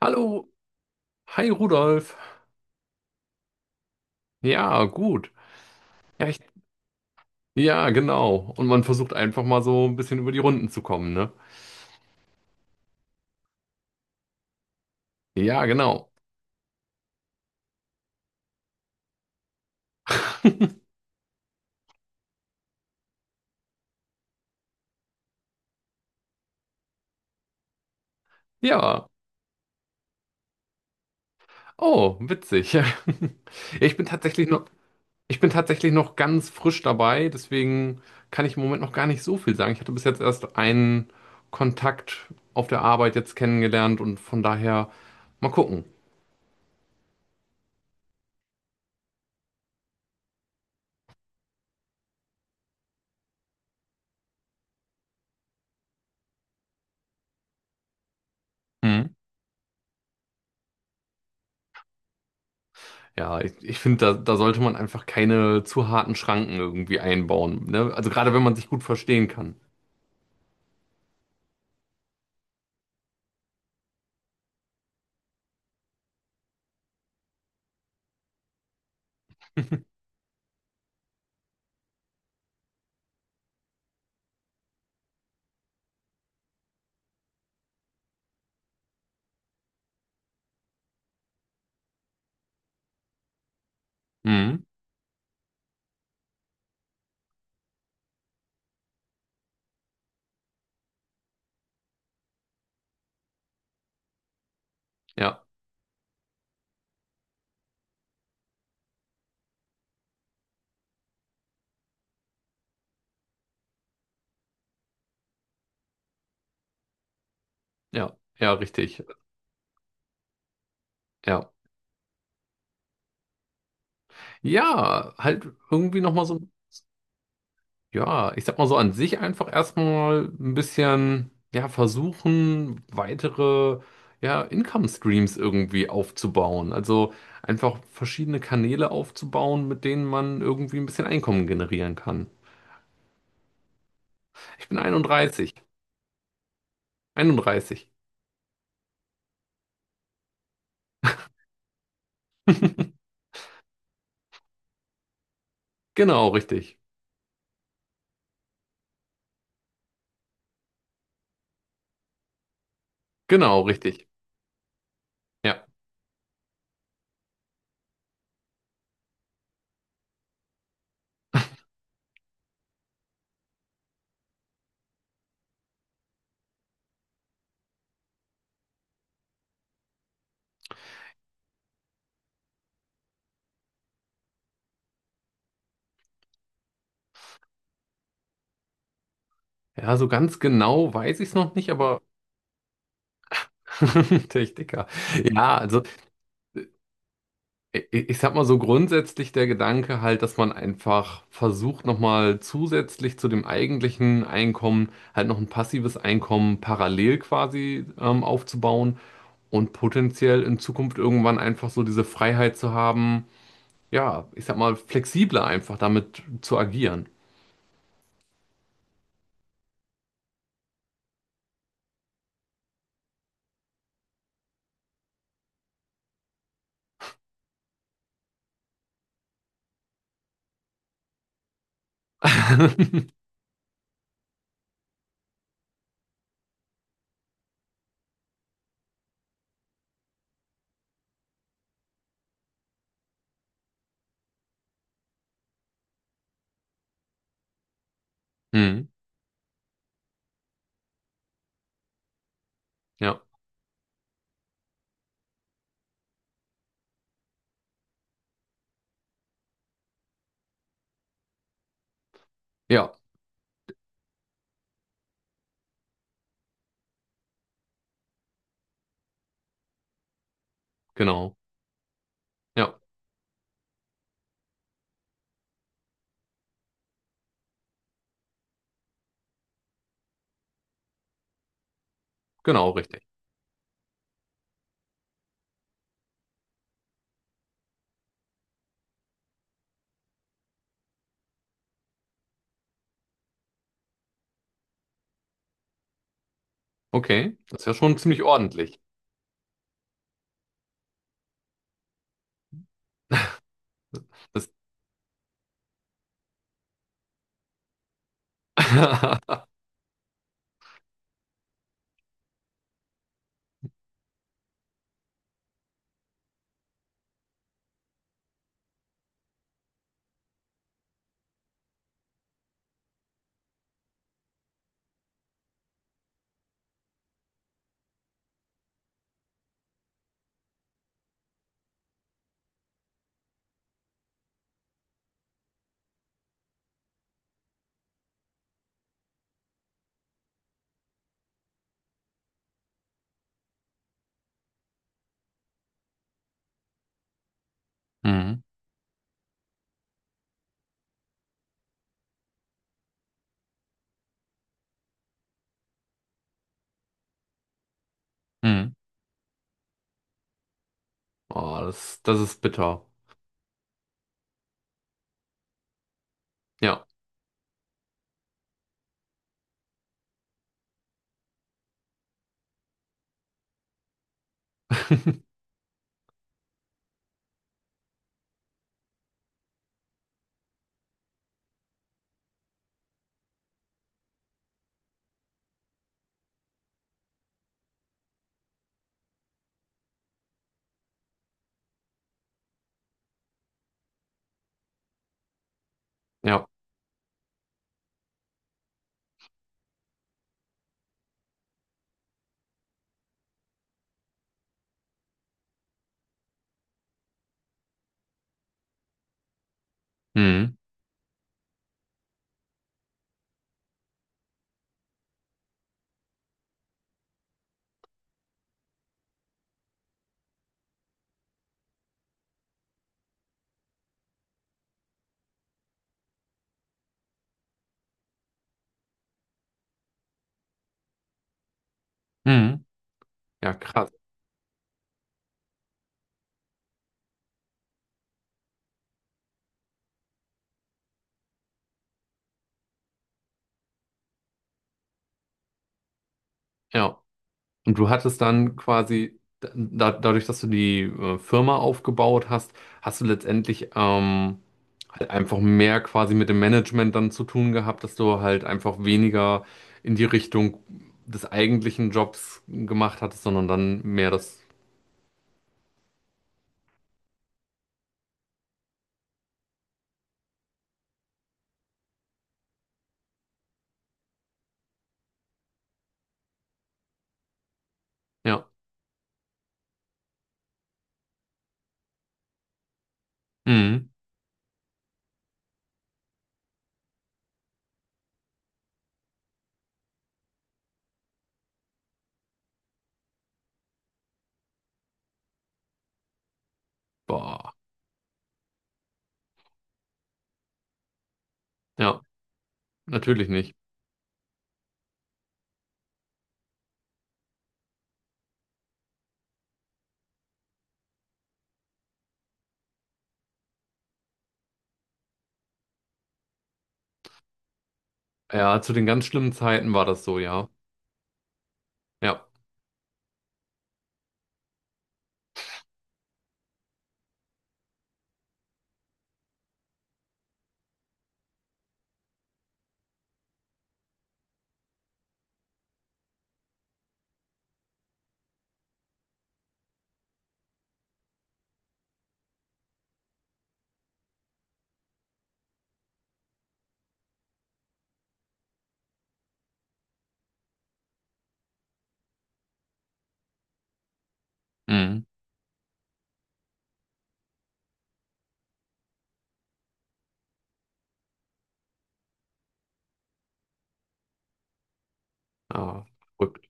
Hallo, hi Rudolf. Ja, gut. Ja, ich, ja, genau. Und man versucht einfach mal so ein bisschen über die Runden zu kommen, ne? Ja, genau. Ja. Oh, witzig. Ja, Ich bin tatsächlich noch, ich bin tatsächlich noch ganz frisch dabei, deswegen kann ich im Moment noch gar nicht so viel sagen. Ich hatte bis jetzt erst einen Kontakt auf der Arbeit jetzt kennengelernt und von daher mal gucken. Ich finde, da sollte man einfach keine zu harten Schranken irgendwie einbauen, ne? Also gerade wenn man sich gut verstehen kann. Mhm. Ja, ja, richtig. Ja. Ja, halt irgendwie nochmal so, ja, ich sag mal so an sich einfach erstmal ein bisschen, ja, versuchen, weitere, ja, Income Streams irgendwie aufzubauen. Also einfach verschiedene Kanäle aufzubauen, mit denen man irgendwie ein bisschen Einkommen generieren kann. Ich bin 31. 31. Genau, richtig. Genau, richtig. Ja. Ja, so ganz genau weiß ich es noch nicht, aber Techniker. Ja, also ich sag mal so grundsätzlich der Gedanke halt, dass man einfach versucht, nochmal zusätzlich zu dem eigentlichen Einkommen halt noch ein passives Einkommen parallel quasi aufzubauen und potenziell in Zukunft irgendwann einfach so diese Freiheit zu haben, ja, ich sag mal flexibler einfach damit zu agieren. Hm, ja, ja, genau. Ja, genau, richtig. Okay, das ist ja schon ziemlich ordentlich. Das Mhm. Mhm. Oh, das ist bitter. Ja. Ja. Mhm. Mhm. Ja, krass. Ja. Und du hattest dann quasi, da, dadurch, dass du die Firma aufgebaut hast, hast du letztendlich halt einfach mehr quasi mit dem Management dann zu tun gehabt, dass du halt einfach weniger in die Richtung des eigentlichen Jobs gemacht hattest, sondern dann mehr das. Ja. Mhm. Boah. Ja, natürlich nicht. Ja, zu den ganz schlimmen Zeiten war das so, ja. Ja. Mhm. Ja, verrückt.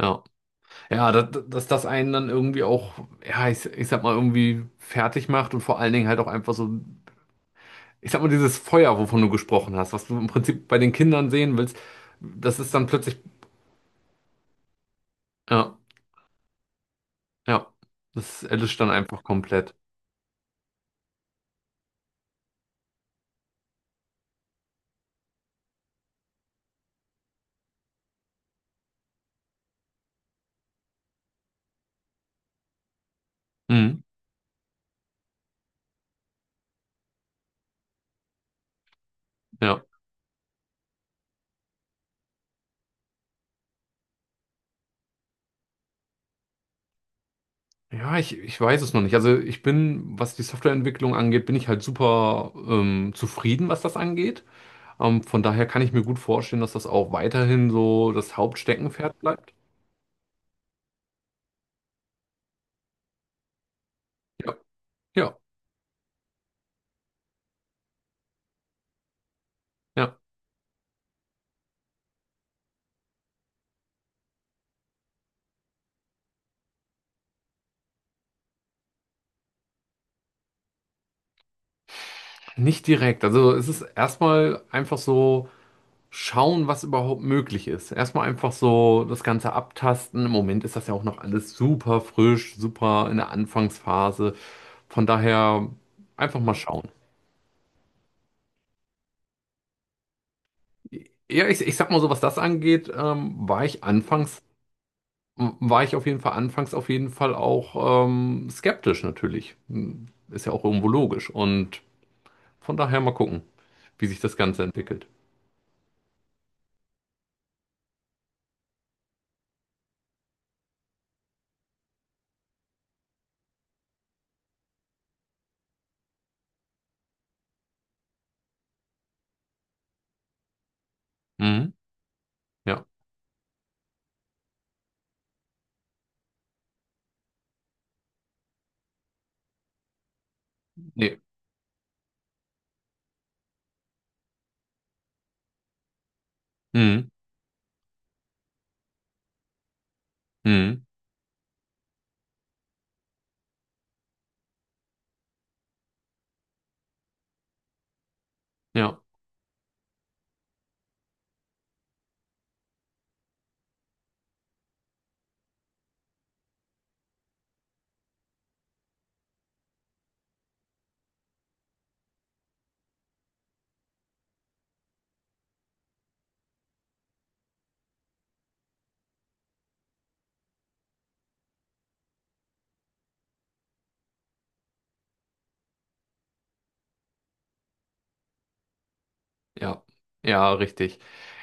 Ja. Ja, dass das einen dann irgendwie auch, ich sag mal, irgendwie fertig macht und vor allen Dingen halt auch einfach so, ich sag mal, dieses Feuer, wovon du gesprochen hast, was du im Prinzip bei den Kindern sehen willst, das ist dann plötzlich, ja, ja, das erlischt dann einfach komplett. Mhm. Ja. Ich weiß es noch nicht. Also ich bin, was die Softwareentwicklung angeht, bin ich halt super zufrieden, was das angeht. Von daher kann ich mir gut vorstellen, dass das auch weiterhin so das Hauptsteckenpferd bleibt. Ja, ja, ja. Nicht direkt. Also es ist erstmal einfach so schauen, was überhaupt möglich ist. Erstmal einfach so das Ganze abtasten. Im Moment ist das ja auch noch alles super frisch, super in der Anfangsphase. Von daher einfach mal schauen. Ja, ich sag mal so, was das angeht, war ich auf jeden Fall anfangs auf jeden Fall auch skeptisch natürlich. Ist ja auch irgendwo logisch. Und von daher mal gucken, wie sich das Ganze entwickelt. Mhm. Ja. Nee. Mhm. Mhm. Ja. Ja. Ja, richtig.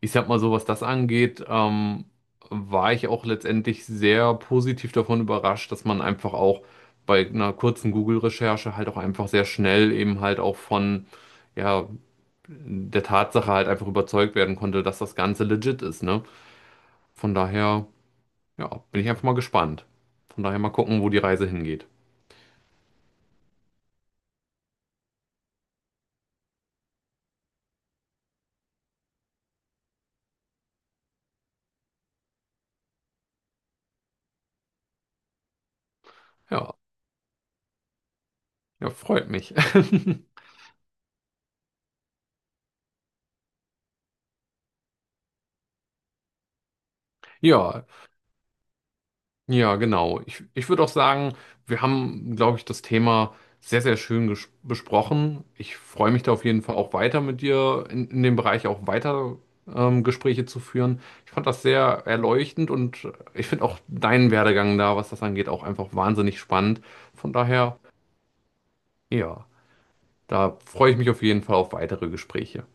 Ich sag mal so, was das angeht, war ich auch letztendlich sehr positiv davon überrascht, dass man einfach auch bei einer kurzen Google-Recherche halt auch einfach sehr schnell eben halt auch von ja, der Tatsache halt einfach überzeugt werden konnte, dass das Ganze legit ist, ne? Von daher, ja, bin ich einfach mal gespannt. Von daher mal gucken, wo die Reise hingeht. Ja, ja, freut mich. Ja, ja, genau. Ich würde auch sagen, wir haben, glaube ich, das Thema sehr schön besprochen. Ich freue mich da auf jeden Fall auch weiter mit dir in dem Bereich auch weiter Gespräche zu führen. Ich fand das sehr erleuchtend und ich finde auch deinen Werdegang da, was das angeht, auch einfach wahnsinnig spannend. Von daher. Ja, da freue ich mich auf jeden Fall auf weitere Gespräche.